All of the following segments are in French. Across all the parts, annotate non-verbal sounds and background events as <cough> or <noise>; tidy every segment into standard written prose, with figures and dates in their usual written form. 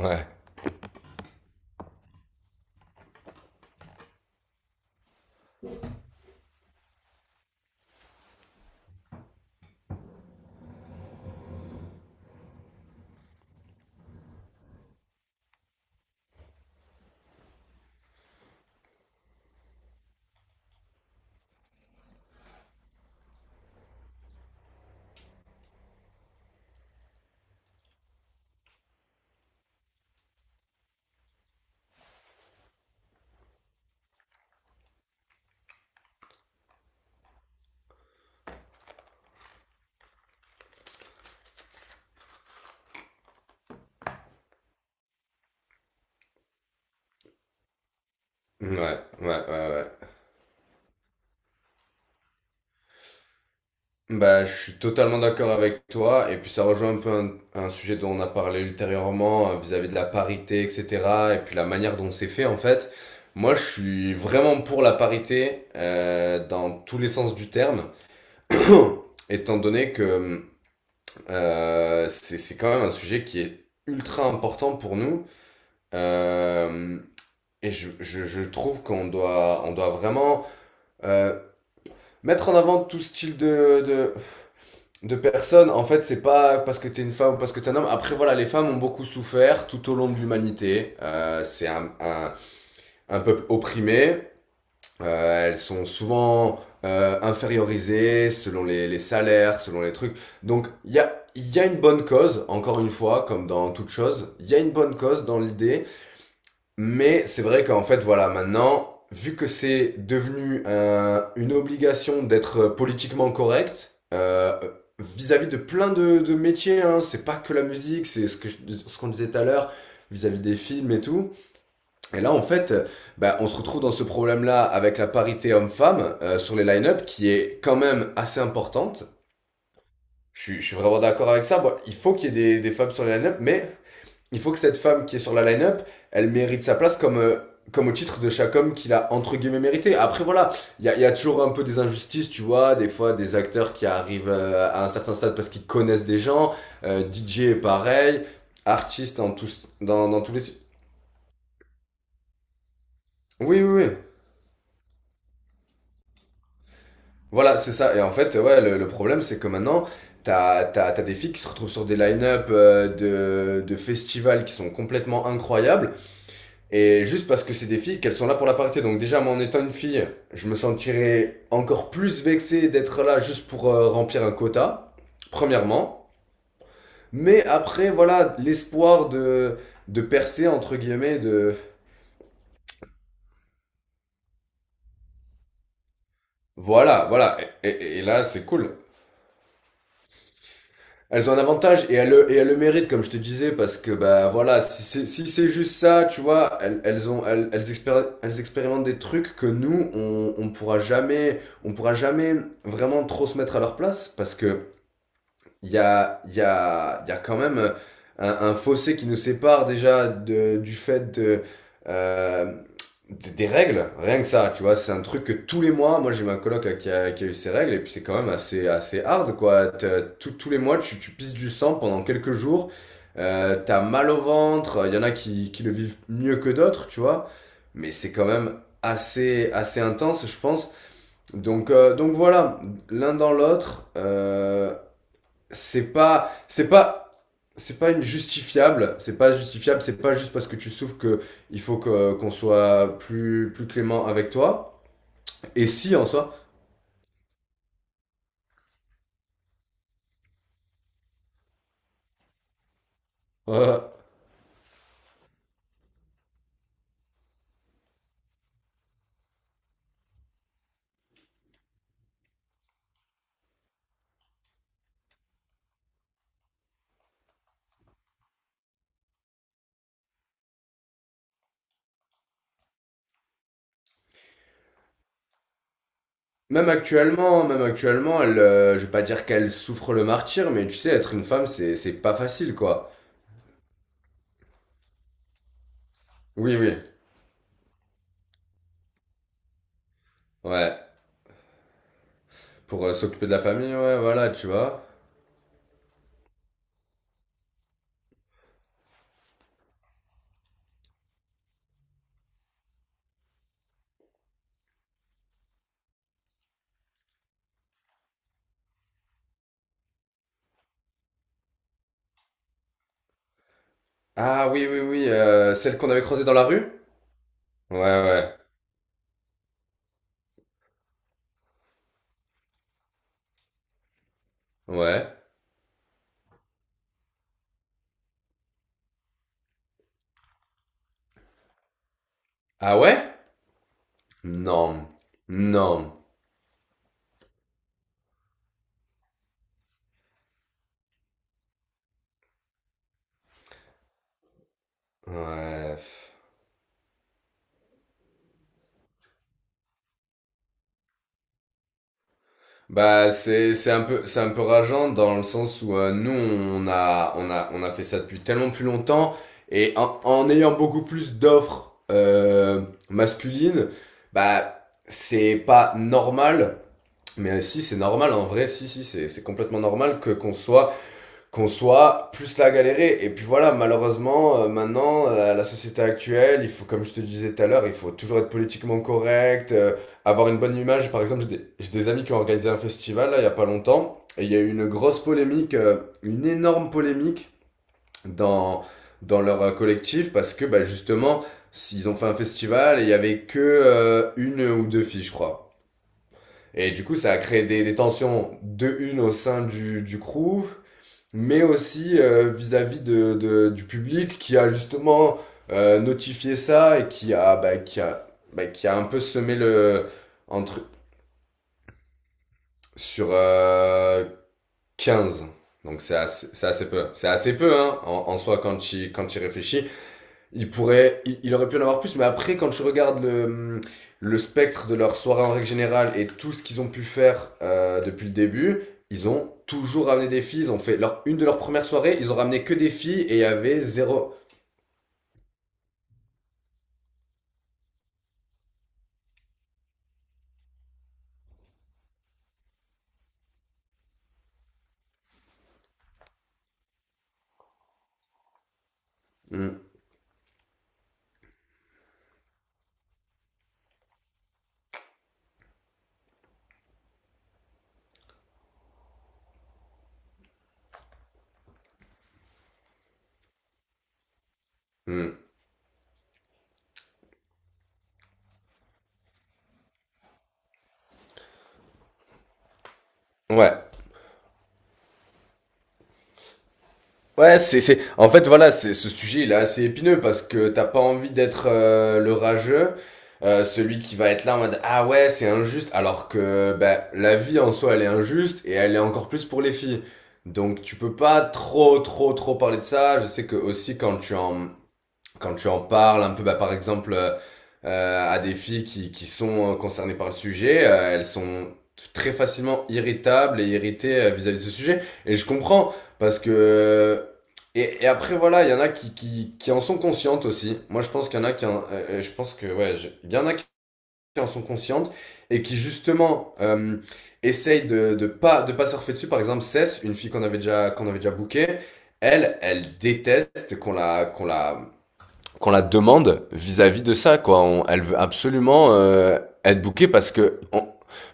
Ouais, ouais, ouais. Bah, je suis totalement d'accord avec toi. Et puis, ça rejoint un peu un sujet dont on a parlé ultérieurement, vis-à-vis de la parité, etc. Et puis, la manière dont c'est fait, en fait. Moi, je suis vraiment pour la parité, dans tous les sens du terme, <coughs> <clears throat> étant donné que c'est quand même un sujet qui est ultra important pour nous. Euh, je trouve qu'on doit vraiment euh, mettre en avant tout style de personnes, en fait. C'est pas parce que t'es une femme ou parce que t'es un homme. Après, voilà, les femmes ont beaucoup souffert tout au long de l'humanité. C'est un peuple opprimé. Elles sont souvent infériorisées selon les salaires, selon les trucs. Donc, il y a une bonne cause, encore une fois, comme dans toute chose. Il y a une bonne cause dans l'idée, mais c'est vrai qu'en fait, voilà, maintenant, vu que c'est devenu une obligation d'être, politiquement correct, vis-à-vis de plein de métiers, hein. C'est pas que la musique, c'est ce ce qu'on disait tout à l'heure, vis-à-vis des films et tout. Et là, en fait, on se retrouve dans ce problème-là avec la parité homme-femme sur les line-up, qui est quand même assez importante. Je suis vraiment d'accord avec ça. Bon, il faut qu'il y ait des femmes sur les line-up, mais il faut que cette femme qui est sur la line-up, elle mérite sa place comme, comme au titre de chaque homme qu'il a entre guillemets mérité. Après, voilà, il y a toujours un peu des injustices, tu vois, des fois des acteurs qui arrivent, à un certain stade parce qu'ils connaissent des gens. DJ est pareil, artiste dans tous, dans tous les... Oui, oui, oui. Voilà, c'est ça. Et en fait, ouais, le problème, c'est que maintenant, t'as des filles qui se retrouvent sur des line-up, de festivals qui sont complètement incroyables. Et juste parce que c'est des filles, qu'elles sont là pour la parité. Donc déjà, moi, en étant une fille, je me sentirais encore plus vexé d'être là juste pour, remplir un quota, premièrement. Mais après, voilà, l'espoir de percer, entre guillemets, de... Voilà, voilà. Et là, c'est cool. Elles ont un avantage et elles le méritent, comme je te disais, parce que bah voilà, si c'est juste ça, tu vois. Elles, elles ont elles, elles expéri- elles expérimentent des trucs que nous on, on pourra jamais vraiment trop se mettre à leur place, parce que il y a, il y a, il y a quand même, un fossé qui nous sépare déjà du fait de, euh, des règles, rien que ça, tu vois. C'est un truc que tous les mois, moi j'ai ma coloc là, qui a eu ses règles, et puis c'est quand même assez, assez hard, quoi. Tous les mois tu pisses du sang pendant quelques jours, t'as mal au ventre. Il y en a qui le vivent mieux que d'autres, tu vois, mais c'est quand même assez, assez intense, je pense. Donc voilà, l'un dans l'autre, c'est pas c'est pas c'est pas une justifiable, c'est pas juste parce que tu souffres que il faut que qu'on soit plus clément avec toi. Et si en soi, euh, même actuellement, je vais pas dire qu'elle souffre le martyr, mais tu sais, être une femme, c'est pas facile quoi. Oui, oui, ouais. Pour, s'occuper de la famille, ouais, voilà, tu vois. Ah, oui, oui, oui, celle qu'on avait croisée dans la rue? Ouais, ouais, ouais. Ah, ouais? Non, non. Ouais. Bah c'est un peu rageant dans le sens où, nous on a fait ça depuis tellement plus longtemps et en ayant beaucoup plus d'offres, masculines, bah c'est pas normal, mais si c'est normal, en vrai, si c'est complètement normal que qu'on soit plus là à galérer. Et puis voilà, malheureusement, maintenant, la société actuelle, il faut, comme je te disais tout à l'heure, il faut toujours être politiquement correct, avoir une bonne image. Par exemple, j'ai des amis qui ont organisé un festival, là, il y a pas longtemps, et il y a eu une grosse polémique, une énorme polémique dans, dans leur, collectif, parce que, bah, justement, ils ont fait un festival et il y avait que, une ou deux filles, je crois. Et du coup, ça a créé des tensions de une au sein du crew, mais aussi, vis-à-vis du public qui a justement, notifié ça et qui a un peu semé le entre sur, 15. Donc c'est assez peu. C'est assez peu, hein, en, en soi, quand quand tu y réfléchis. Il aurait pu en avoir plus, mais après, quand je regarde le spectre de leur soirée en règle générale et tout ce qu'ils ont pu faire, depuis le début, ils ont toujours ramené des filles. Ils ont fait leur, Une de leurs premières soirées, ils ont ramené que des filles et il y avait zéro. Hmm, hmm. Ouais. Ouais, c'est, en fait, voilà, c'est, ce sujet, il est assez épineux parce que t'as pas envie d'être, le rageux, celui qui va être là en mode, ah ouais, c'est injuste, alors que, ben, la vie en soi, elle est injuste et elle est encore plus pour les filles. Donc, tu peux pas trop, trop, trop parler de ça. Je sais que aussi, quand tu en parles un peu, bah, par exemple, à des filles qui sont, concernées par le sujet, elles sont très facilement irritables et irritées, vis-à-vis de ce sujet. Et je comprends, parce que... et après, voilà, il y en a qui en sont conscientes aussi. Moi, je pense qu'il y en a qui je pense que, ouais, il y en a qui en sont conscientes et qui, justement, essayent de pas surfer dessus. Par exemple, Cess, une fille qu'on avait déjà bookée, elle, elle déteste qu'on la demande vis-à-vis de ça, quoi. Elle veut absolument, être bookée parce que on-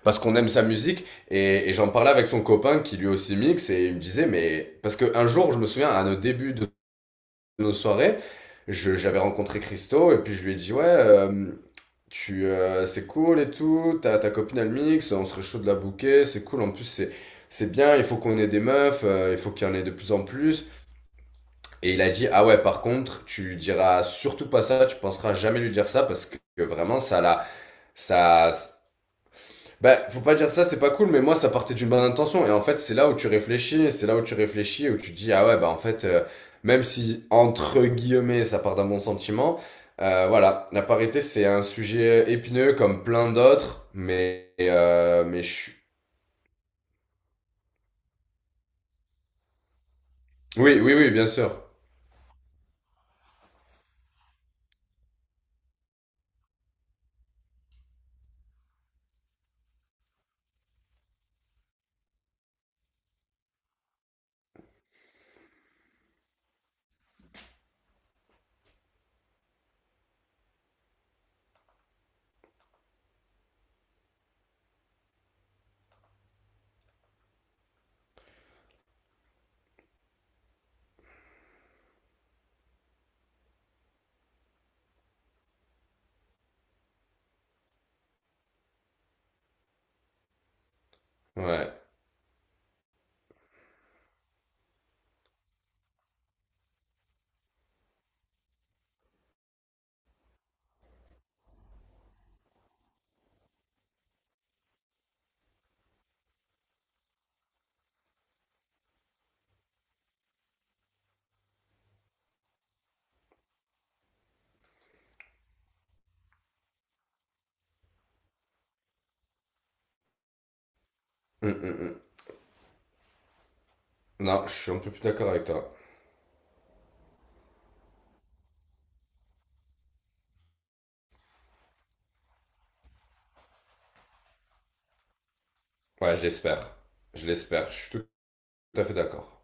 parce qu'on aime sa musique. Et j'en parlais avec son copain qui lui aussi mixe et il me disait, mais parce que un jour je me souviens à nos débuts de nos soirées, j'avais rencontré Christo et puis je lui ai dit, ouais, tu c'est cool et tout, ta copine elle mixe, on serait chaud de la booker. C'est cool, en plus c'est bien, il faut qu'on ait des meufs, il faut qu'il y en ait de plus en plus. Et il a dit, ah ouais, par contre, tu diras surtout pas ça, tu penseras jamais lui dire ça parce que vraiment, ça l'a, ça, bah, faut pas dire ça, c'est pas cool. Mais moi, ça partait d'une bonne intention. Et en fait, c'est là où tu réfléchis, où tu dis, ah ouais, bah, en fait, même si, entre guillemets, ça part d'un bon sentiment, voilà, la parité, c'est un sujet épineux comme plein d'autres, mais je suis- Oui, oui, oui, bien sûr. Ouais. Hum, hum, hum. Non, je suis un peu plus d'accord avec toi. Ouais, j'espère. Je l'espère. Je suis tout, tout à fait d'accord.